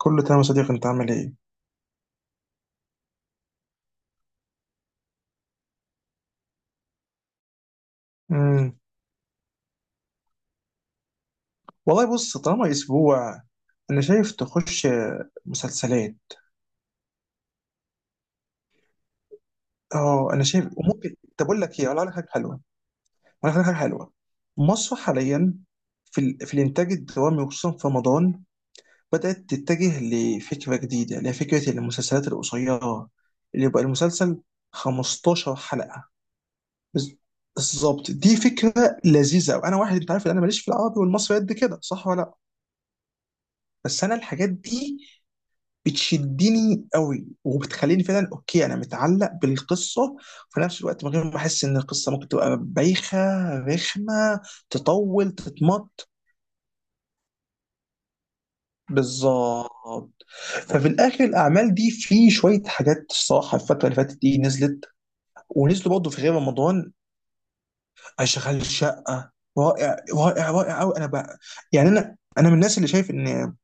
كله تمام يا صديقي، انت عامل ايه؟ امم. والله بص، طالما اسبوع انا شايف تخش مسلسلات. اه، انا شايف. وممكن، طب اقول لك ايه، اقول لك حاجه حلوه. اقول لك حاجه حلوه. مصر حاليا في الانتاج الدرامي، وخصوصا في رمضان، بدات تتجه لفكره جديده، اللي هي فكره المسلسلات القصيره، اللي يبقى المسلسل 15 حلقه. بز- بالظبط، دي فكره لذيذه قوي. انا واحد انت عارف ان انا ماليش في العربي والمصري قد كده، صح ولا لا؟ بس انا الحاجات دي بتشدني قوي، وبتخليني فعلا اوكي، انا متعلق بالقصه، في نفس الوقت من غير ما احس ان القصه ممكن تبقى بايخه، رخمه، تطول، تتمط. بالظبط. ففي الاخر الاعمال دي في شويه حاجات الصراحه، الفتره اللي فاتت دي نزلت، ونزلوا برضه في غير رمضان. اشغال شقه، رائع رائع رائع قوي. انا بقى يعني انا من الناس اللي شايف ان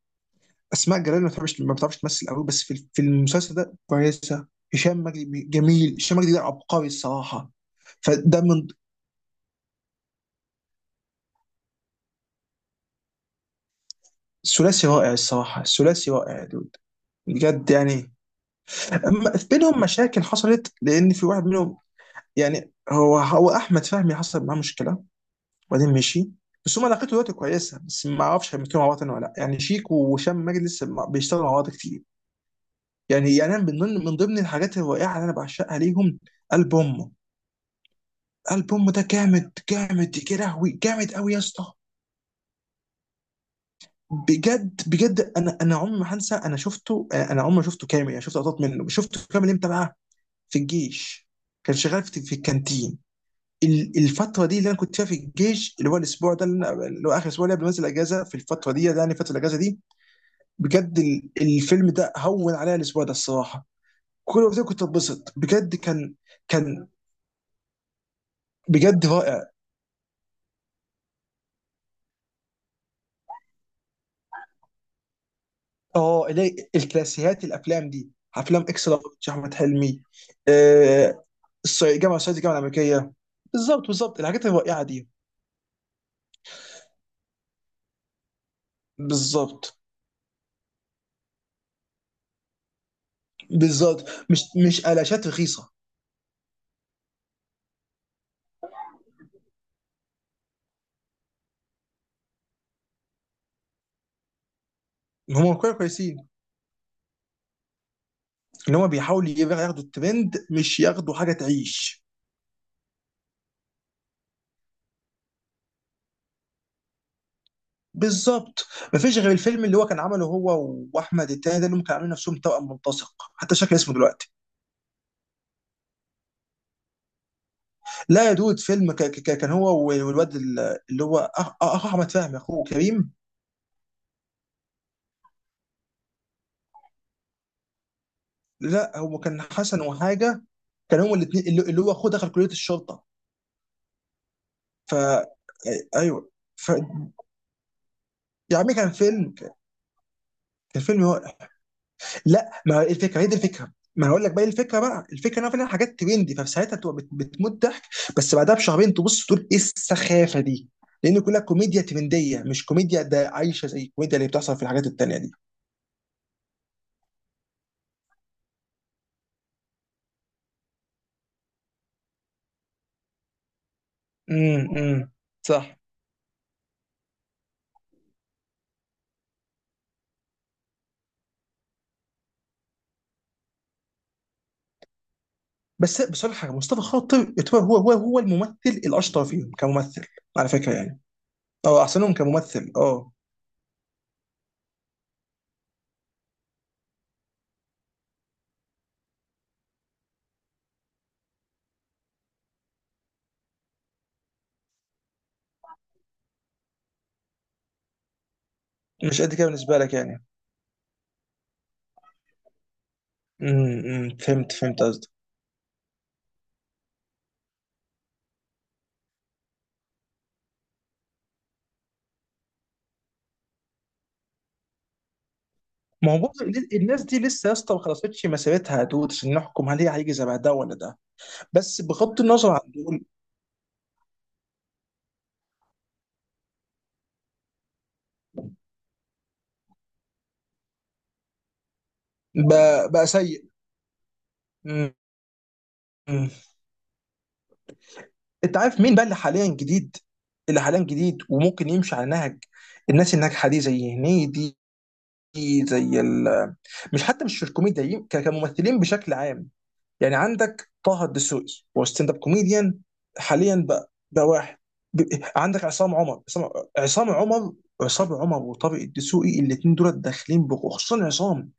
اسماء جلال ما بتعرفش تمثل قوي، بس في المسلسل ده كويسه. هشام مجدي جميل، هشام مجدي ده عبقري الصراحه. فده من ثلاثي رائع الصراحه، ثلاثي رائع يا دود. بجد يعني. في بينهم مشاكل حصلت لان في واحد منهم، يعني هو احمد فهمي، حصل معاه مشكله وبعدين مشي. بس هم علاقته دلوقتي كويسه، بس ما اعرفش هيمثلوا مع بعض تاني ولا لا، يعني شيك وهشام مجدي لسه بيشتغلوا مع بعض كتير. يعني أنا من ضمن الحاجات الرائعه اللي انا بعشقها ليهم، البوم. البوم ده جامد جامد يا لهوي، جامد قوي يا اسطى. بجد بجد، انا عمري ما هنسى، انا شفته، انا عمري ما شفته كامل، يعني شفت لقطات منه. شفته كامل امتى بقى؟ في الجيش، كان شغال في الكانتين. الفتره دي اللي انا كنت فيها في الجيش، اللي هو الاسبوع ده اللي هو اخر اسبوع، اللي قبل ما انزل اجازه. في الفتره دي يعني، فتره الاجازه دي، بجد الفيلم ده هون عليا الاسبوع ده الصراحه. كل وقت كنت اتبسط بجد. كان بجد رائع. اه، اللي الكلاسيكيات، الافلام دي، افلام اكس لارج، احمد حلمي. آه. الصعيدي، جامعه الصعيدي، الجامعه الامريكيه. بالظبط بالظبط، الحاجات الرائعه دي. بالظبط بالظبط، مش قلاشات رخيصه. ان هم كويسين. ان هم بيحاولوا ياخدوا الترند، مش ياخدوا حاجه تعيش. بالظبط. مفيش غير الفيلم اللي هو كان عمله هو واحمد التاني ده، اللي هم كانوا عاملين نفسهم توأم ملتصق، حتى شكل اسمه دلوقتي. لا يا دود، فيلم، كان هو والواد اللي هو أخ احمد فهمي، اخوه كريم. لا هو كان حسن وحاجه، كان هما الاثنين اللي هو اخوه دخل كليه الشرطه. ف ايوه. ف يا عمي كان فيلم، هو... لا، ما هي الفكره هي دي الفكره، ما هقول لك بقى إيه الفكره بقى. الفكره ان انا حاجات ترندي، فساعتها تبقى بتموت ضحك، بس بعدها بشهرين تبص تقول ايه السخافه دي. لان كلها كوميديا ترنديه، مش كوميديا ده عايشه زي الكوميديا اللي بتحصل في الحاجات التانيه دي. امم. أمم. صح. بس أقول لك حاجه، مصطفى خاطر يعتبر هو الممثل الاشطر فيهم كممثل، على فكره يعني. اه، احسنهم كممثل، اه. مش قد كده بالنسبه لك يعني. امم، فهمت قصدك. ما هو برضه الناس دي لسه يا اسطى ما خلصتش مسيرتها يا دود، عشان نحكم هل هي هيجي زي ده ولا ده. بس بغض النظر عن دول. بقى سيء. امم. انت عارف مين بقى اللي حاليا جديد وممكن يمشي على نهج الناس الناجحه دي، زي هنيدي، زي ال مش حتى مش الكوميديا، كممثلين بشكل عام، يعني عندك طه الدسوقي هو ستاند اب كوميديان. حاليا بقى واحد، ب- عندك عصام عمر، عصام عمر وطارق الدسوقي، الاثنين دول داخلين خصوصا عصام.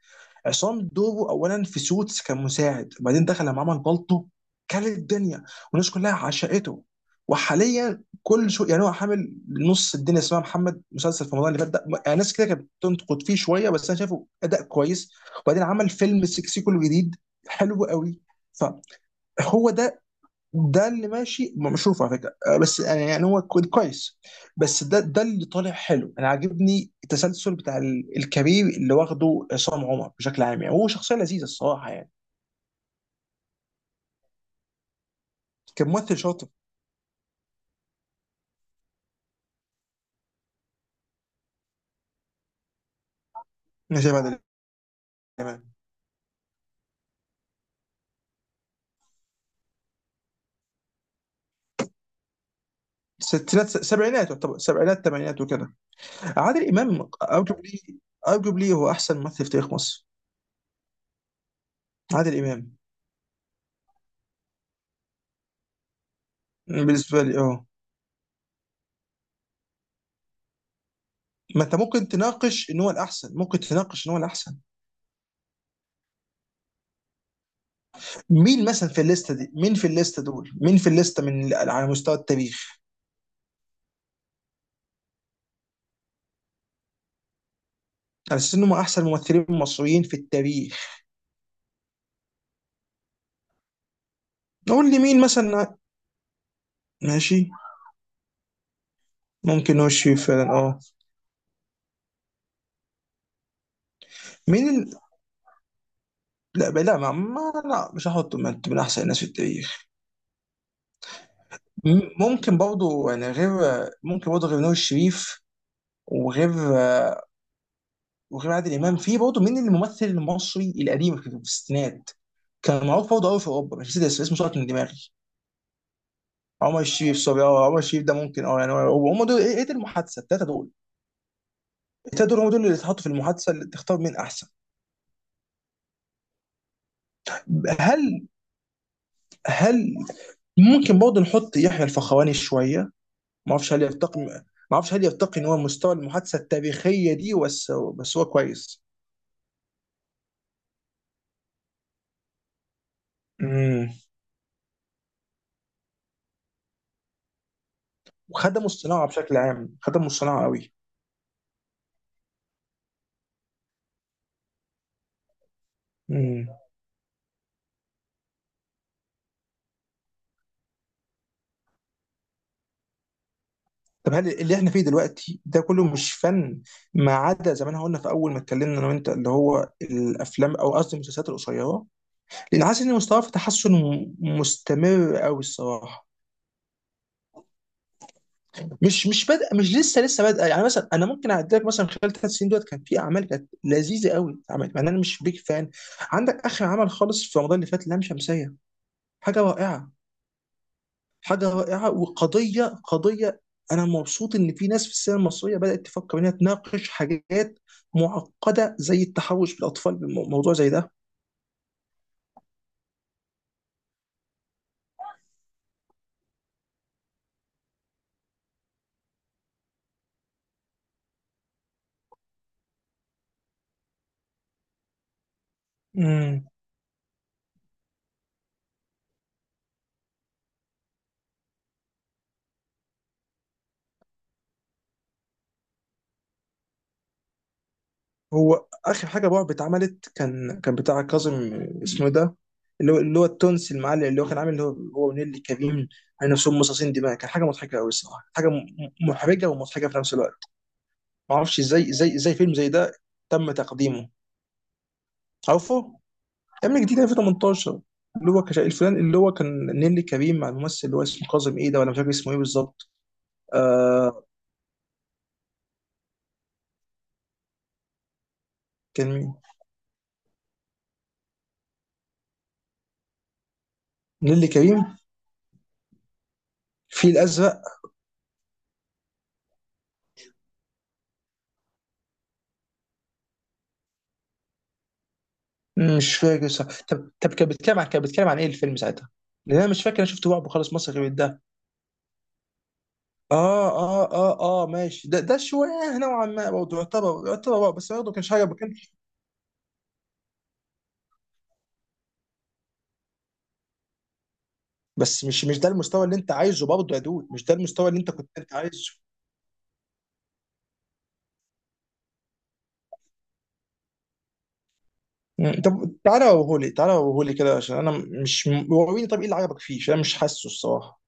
عصام دوره اولا في سوتس كان مساعد، وبعدين دخل لما عمل بالطو. كل الدنيا والناس كلها عشقته. وحاليا كل شو، يعني هو حامل نص الدنيا، اسمها محمد، مسلسل في رمضان اللي فات ده، يعني ناس كده كانت بتنتقد فيه شويه، بس انا شايفه اداء كويس. وبعدين عمل فيلم سيكسيكو الجديد، حلو قوي. فهو ده، اللي ماشي مشروف على فكره، آه، بس يعني هو كويس. بس ده اللي طالع حلو. انا عاجبني التسلسل بتاع الكارير اللي واخده عصام عمر بشكل عام، يعني هو شخصيه لذيذه الصراحه يعني، كممثل شاطر. انا شايف عادل امام. ستينات سبعينات، يعتبر سبعينات ثمانينات وكده. عادل امام ارجوبلي، ارجوبلي هو احسن ممثل في تاريخ مصر. عادل امام بالنسبه لي، اه. ما انت ممكن تناقش ان هو الاحسن، ممكن تناقش ان هو الاحسن. مين مثلا في الليسته دي، مين في الليسته دول، مين في الليسته من على مستوى التاريخ؟ على اساس انهم احسن ممثلين مصريين في التاريخ. نقول لي مين مثلا. ماشي. ممكن وشي فعلا، اه. مين ال... لا لا ما لا مش هحطه من احسن الناس في التاريخ. ممكن برضه يعني غير، ممكن برضه غير نور الشريف، وغير وغير عادل امام. في برضه مين الممثل المصري القديم في الستينات، كان معروف برضه قوي في اوروبا، مش نسيت اسمه سقط من دماغي. عمر الشريف سوري، اه عمر الشريف ده ممكن، اه يعني هم دول، ايه دي المحادثه الثلاثه دول. الثلاثه دول هم دول اللي اتحطوا في المحادثه، اللي تختار مين احسن. هل هل ممكن برضه نحط يحيى الفخراني شويه؟ ما اعرفش هل يرتقي ان هو مستوى المحادثه التاريخيه دي، بس هو كويس. امم. وخدموا الصناعه بشكل عام، خدموا الصناعه قوي. امم. طب هل اللي احنا فيه دلوقتي ده كله مش فن، ما عدا زي ما احنا قلنا في اول ما اتكلمنا انا وانت، اللي هو الافلام، او قصدي المسلسلات القصيره؟ لان حاسس ان مستواه في تحسن مستمر قوي الصراحه. مش بادئه، مش لسه بادئه يعني، مثلا انا ممكن اعدي لك مثلا خلال 3 سنين دولت كان في اعمال كانت لذيذه قوي اتعملت، مع ان انا مش بيك فان. عندك اخر عمل خالص في رمضان اللي فات، لام شمسيه، حاجه رائعه. حاجه رائعه، وقضيه قضيه. انا مبسوط ان في ناس في السينما المصريه بدات تفكر انها تناقش حاجات معقده، زي التحرش بالاطفال، بموضوع زي ده. هو اخر حاجه رعب اتعملت كان بتاع كاظم، اسمه إيه ده، اللي هو التونسي المعلم، اللي هو كان عامل، اللي هو ونيلي كريم على نفسهم مصاصين دماء، كان حاجه مضحكه قوي الصراحه، حاجه محرجه ومضحكه في نفس الوقت. ما اعرفش ازاي فيلم زي ده تم تقديمه؟ عارفه؟ يا ابني جديد 2018، اللي هو الفلان اللي هو كان نيلي كريم مع الممثل اللي هو اسمه كاظم ايه ده، ولا مش فاكر اسمه ايه بالظبط. آه. كان مين؟ نيلي كريم في الازرق. مش فاكر صح. طب كان بيتكلم عن، ايه الفيلم ساعتها؟ لان انا مش فاكر انا شفت رعب خالص مصري غير ده. اه، اه، اه، اه، ماشي، ده ده شويه نوعا ما برضه يعتبر رعب، بس برضه كانش حاجه، ما كانش. بس مش ده المستوى اللي انت عايزه برضه يا دود، مش ده المستوى اللي انت كنت انت عايزه. مم. طب تعالى وريهولي، تعالى وريهولي كده، عشان انا مش، وريني طب ايه اللي عجبك فيه، عشان انا مش حاسه الصراحه.